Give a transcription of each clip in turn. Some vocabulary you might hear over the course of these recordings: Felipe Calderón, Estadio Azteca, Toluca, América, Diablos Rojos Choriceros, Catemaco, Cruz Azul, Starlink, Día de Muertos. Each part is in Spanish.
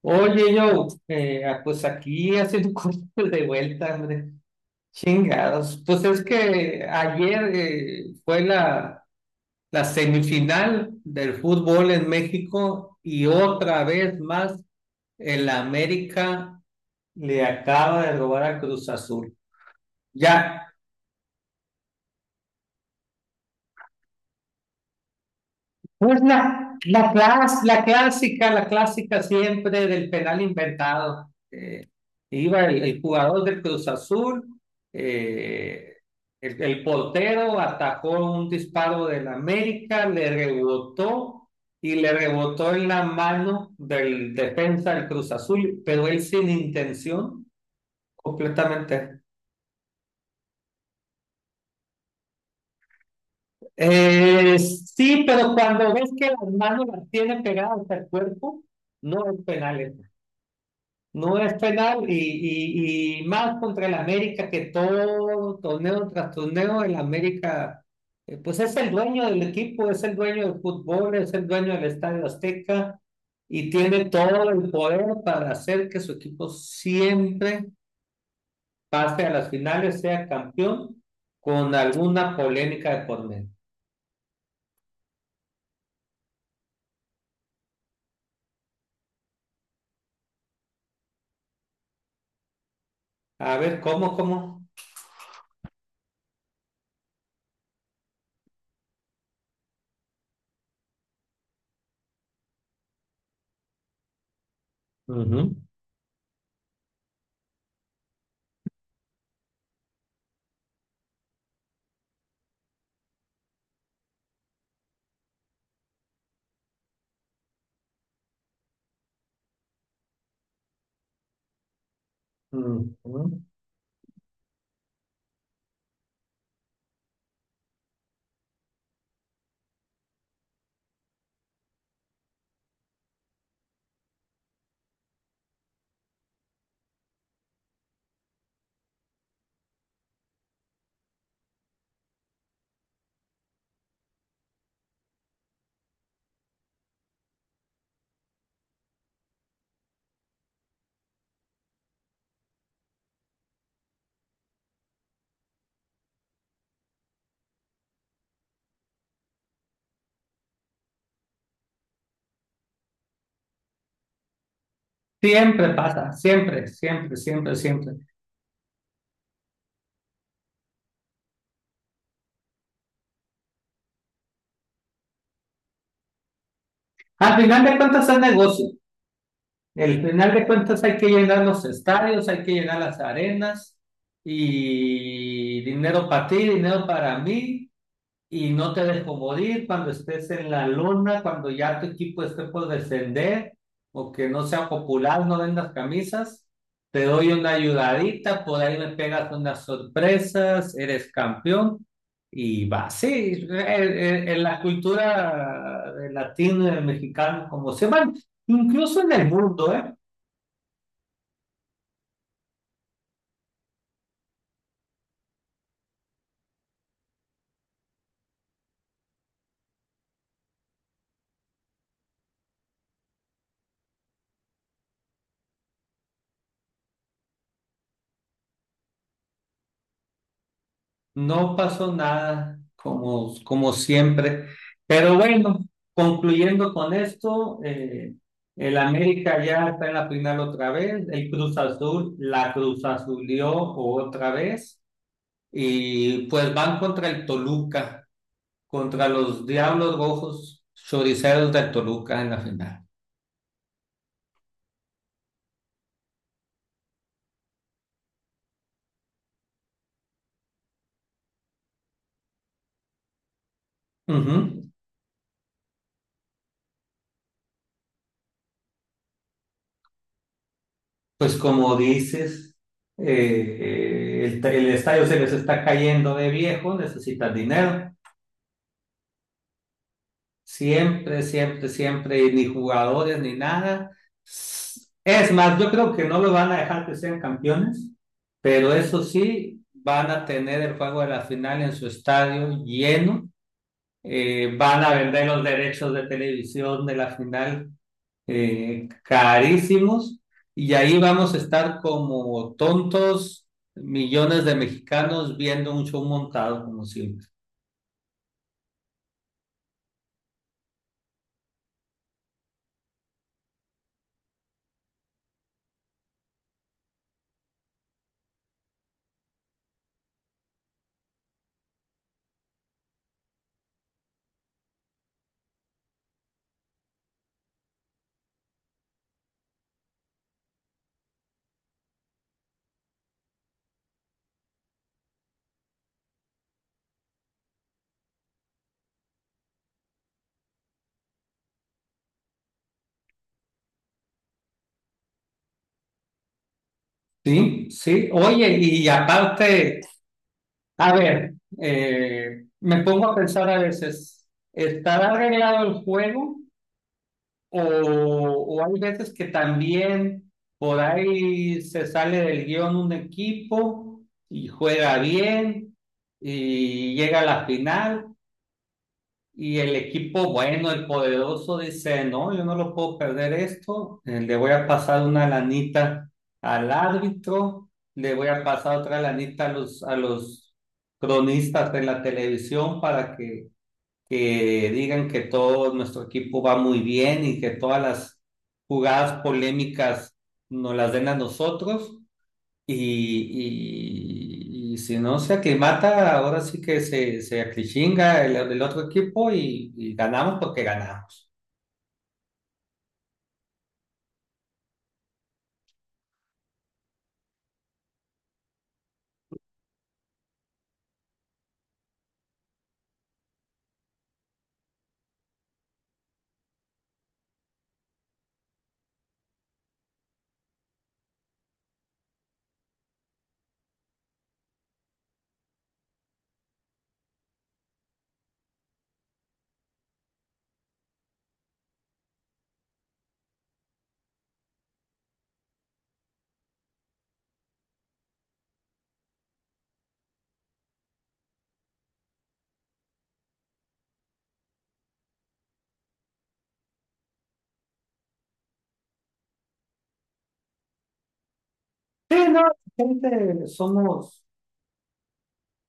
Oye, yo, pues aquí haciendo cosas de vuelta, hombre. Chingados. Pues es que ayer fue la semifinal del fútbol en México y otra vez más el América le acaba de robar a Cruz Azul. Ya, pues la clásica siempre del penal inventado. Iba el jugador del Cruz Azul, eh, el portero atajó un disparo del América, le rebotó y le rebotó en la mano del defensa del Cruz Azul, pero él sin intención completamente. Sí, pero cuando ves que las manos las tiene pegadas al cuerpo, no es penal. No es penal y más contra el América, que todo torneo tras torneo el América, pues es el dueño del equipo, es el dueño del fútbol, es el dueño del Estadio Azteca y tiene todo el poder para hacer que su equipo siempre pase a las finales, sea campeón con alguna polémica de por medio. A ver, ¿cómo, cómo? Ujú, ujú. Siempre pasa, siempre, siempre, siempre, siempre. Al final de cuentas es negocio. El final de cuentas hay que llenar los estadios, hay que llenar las arenas y dinero para ti, dinero para mí, y no te dejo morir cuando estés en la luna, cuando ya tu equipo esté por descender o que no sea popular, no vendas camisas, te doy una ayudadita, por ahí me pegas unas sorpresas, eres campeón y va. Sí, en, la cultura de latino, mexicano, como se van. Incluso en el mundo, ¿eh? No pasó nada, como, como siempre. Pero bueno, concluyendo con esto, el América ya está en la final otra vez, el Cruz Azul la Cruz Azulió otra vez, y pues van contra el Toluca, contra los Diablos Rojos Choriceros del Toluca en la final. Ujú. Pues como dices, eh, el estadio se les está cayendo de viejo, necesitan dinero. Siempre, siempre, siempre, y ni jugadores ni nada. Es más, yo creo que no lo van a dejar que sean campeones, pero eso sí, van a tener el juego de la final en su estadio lleno. Van a vender los derechos de televisión de la final, carísimos, y ahí vamos a estar como tontos, millones de mexicanos viendo un show montado como siempre. Sí, sí. Oye, y aparte... A ver, me pongo a pensar a veces, ¿estará arreglado el juego? O hay veces que también por ahí se sale del guión un equipo y juega bien y llega a la final. Y el equipo bueno, el poderoso, dice, no, yo no lo puedo perder esto, le voy a pasar una lanita al árbitro, le voy a pasar otra lanita a a los cronistas de la televisión para que digan que todo nuestro equipo va muy bien y que todas las jugadas polémicas nos las den a nosotros. Y, y si no se aclimata, ahora sí que se aclichinga el otro equipo y ganamos porque ganamos. Sí, no, gente, somos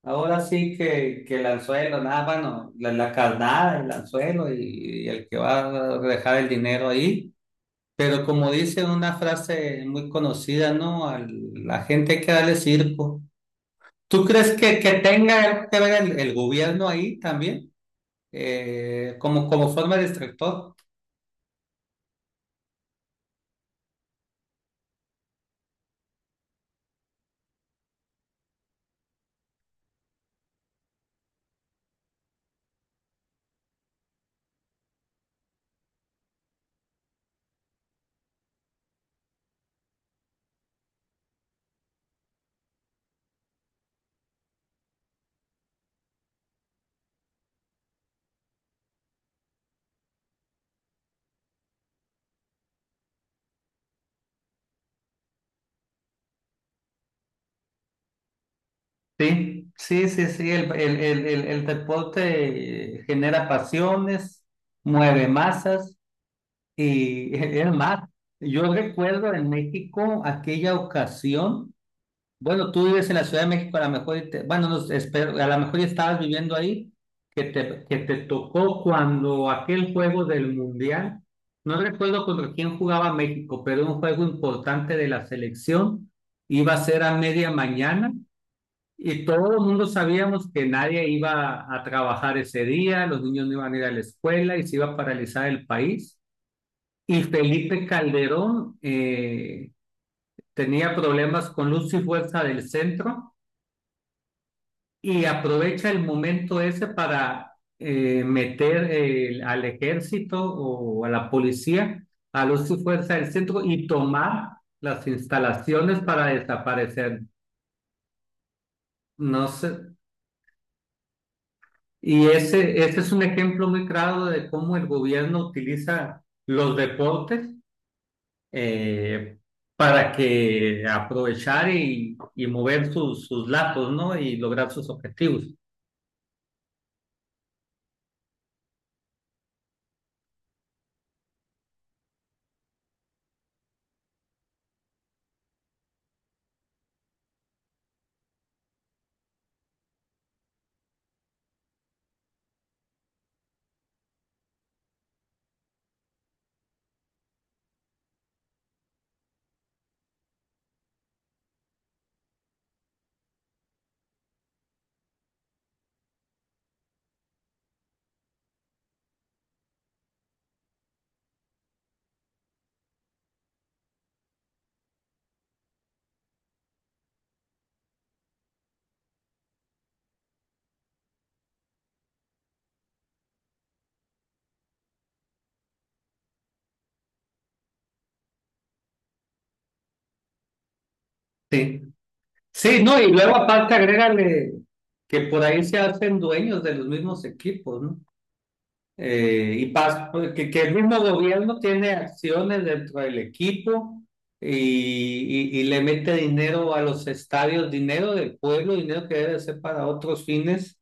ahora sí que el anzuelo, nada, bueno, la carnada, el anzuelo y el que va a dejar el dinero ahí. Pero como dice una frase muy conocida, ¿no? A la gente hay que darle circo. ¿Tú crees que tenga algo que ver el gobierno ahí también? ¿Como, como forma de distractor? Sí, sí, sí, sí, el deporte genera pasiones, mueve masas y es más, yo recuerdo en México aquella ocasión. Bueno, tú vives en la Ciudad de México, a lo mejor, y te- bueno, no, espero- a lo mejor ya estabas viviendo ahí, que te tocó cuando aquel juego del Mundial, no recuerdo contra quién jugaba México, pero un juego importante de la selección, iba a ser a media mañana, y todo el mundo sabíamos que nadie iba a trabajar ese día, los niños no iban a ir a la escuela y se iba a paralizar el país. Y Felipe Calderón tenía problemas con luz y fuerza del centro y aprovecha el momento ese para meter al ejército o a la policía, a los y fuerza del centro y tomar las instalaciones para desaparecer. No sé. Y ese es un ejemplo muy claro de cómo el gobierno utiliza los deportes, eh, para que aprovechar y mover sus, sus lazos, ¿no? Y lograr sus objetivos. Sí. Sí, no, y luego aparte agrégale que por ahí se hacen dueños de los mismos equipos, ¿no? Pues, que el mismo gobierno tiene acciones dentro del equipo y, y le mete dinero a los estadios, dinero del pueblo, dinero que debe ser para otros fines,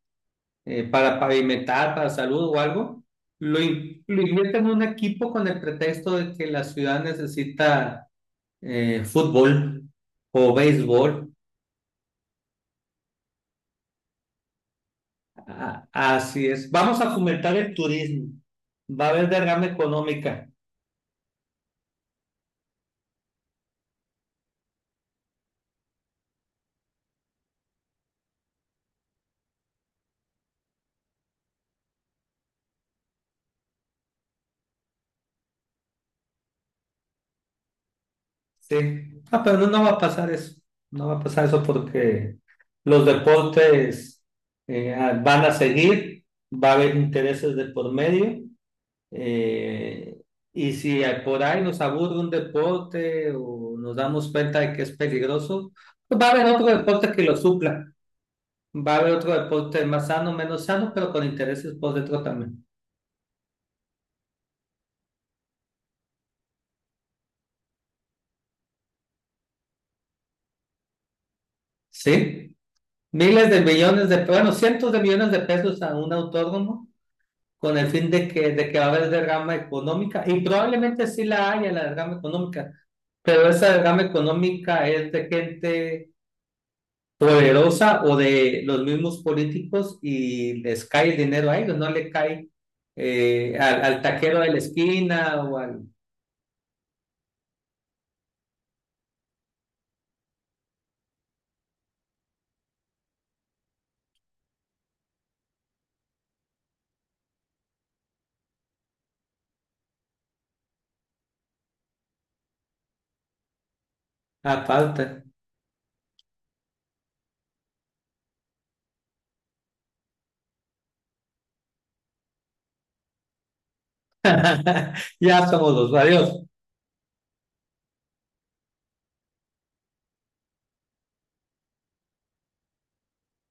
para pavimentar, para salud o algo. Lo invierte en un equipo con el pretexto de que la ciudad necesita fútbol o béisbol. A- Así es. Vamos a fomentar el turismo. Va a haber derrama económica. Sí. Ah, pero no, no va a pasar eso. No va a pasar eso porque los deportes van a seguir. Va a haber intereses de por medio. eh, y si a- por ahí nos aburre un deporte o nos damos cuenta de que es peligroso, pues va a haber otro deporte que lo supla. Va a haber otro deporte más sano, menos sano, pero con intereses por dentro también. ¿Sí? Miles de millones de, bueno, cientos de millones de pesos a un autónomo con el fin de que va a haber derrama económica y probablemente sí la haya la derrama económica, pero esa derrama económica es de gente poderosa o de los mismos políticos, y les cae el dinero a ellos, no le cae al, al taquero de la esquina o al, a falta. Ya somos los varios.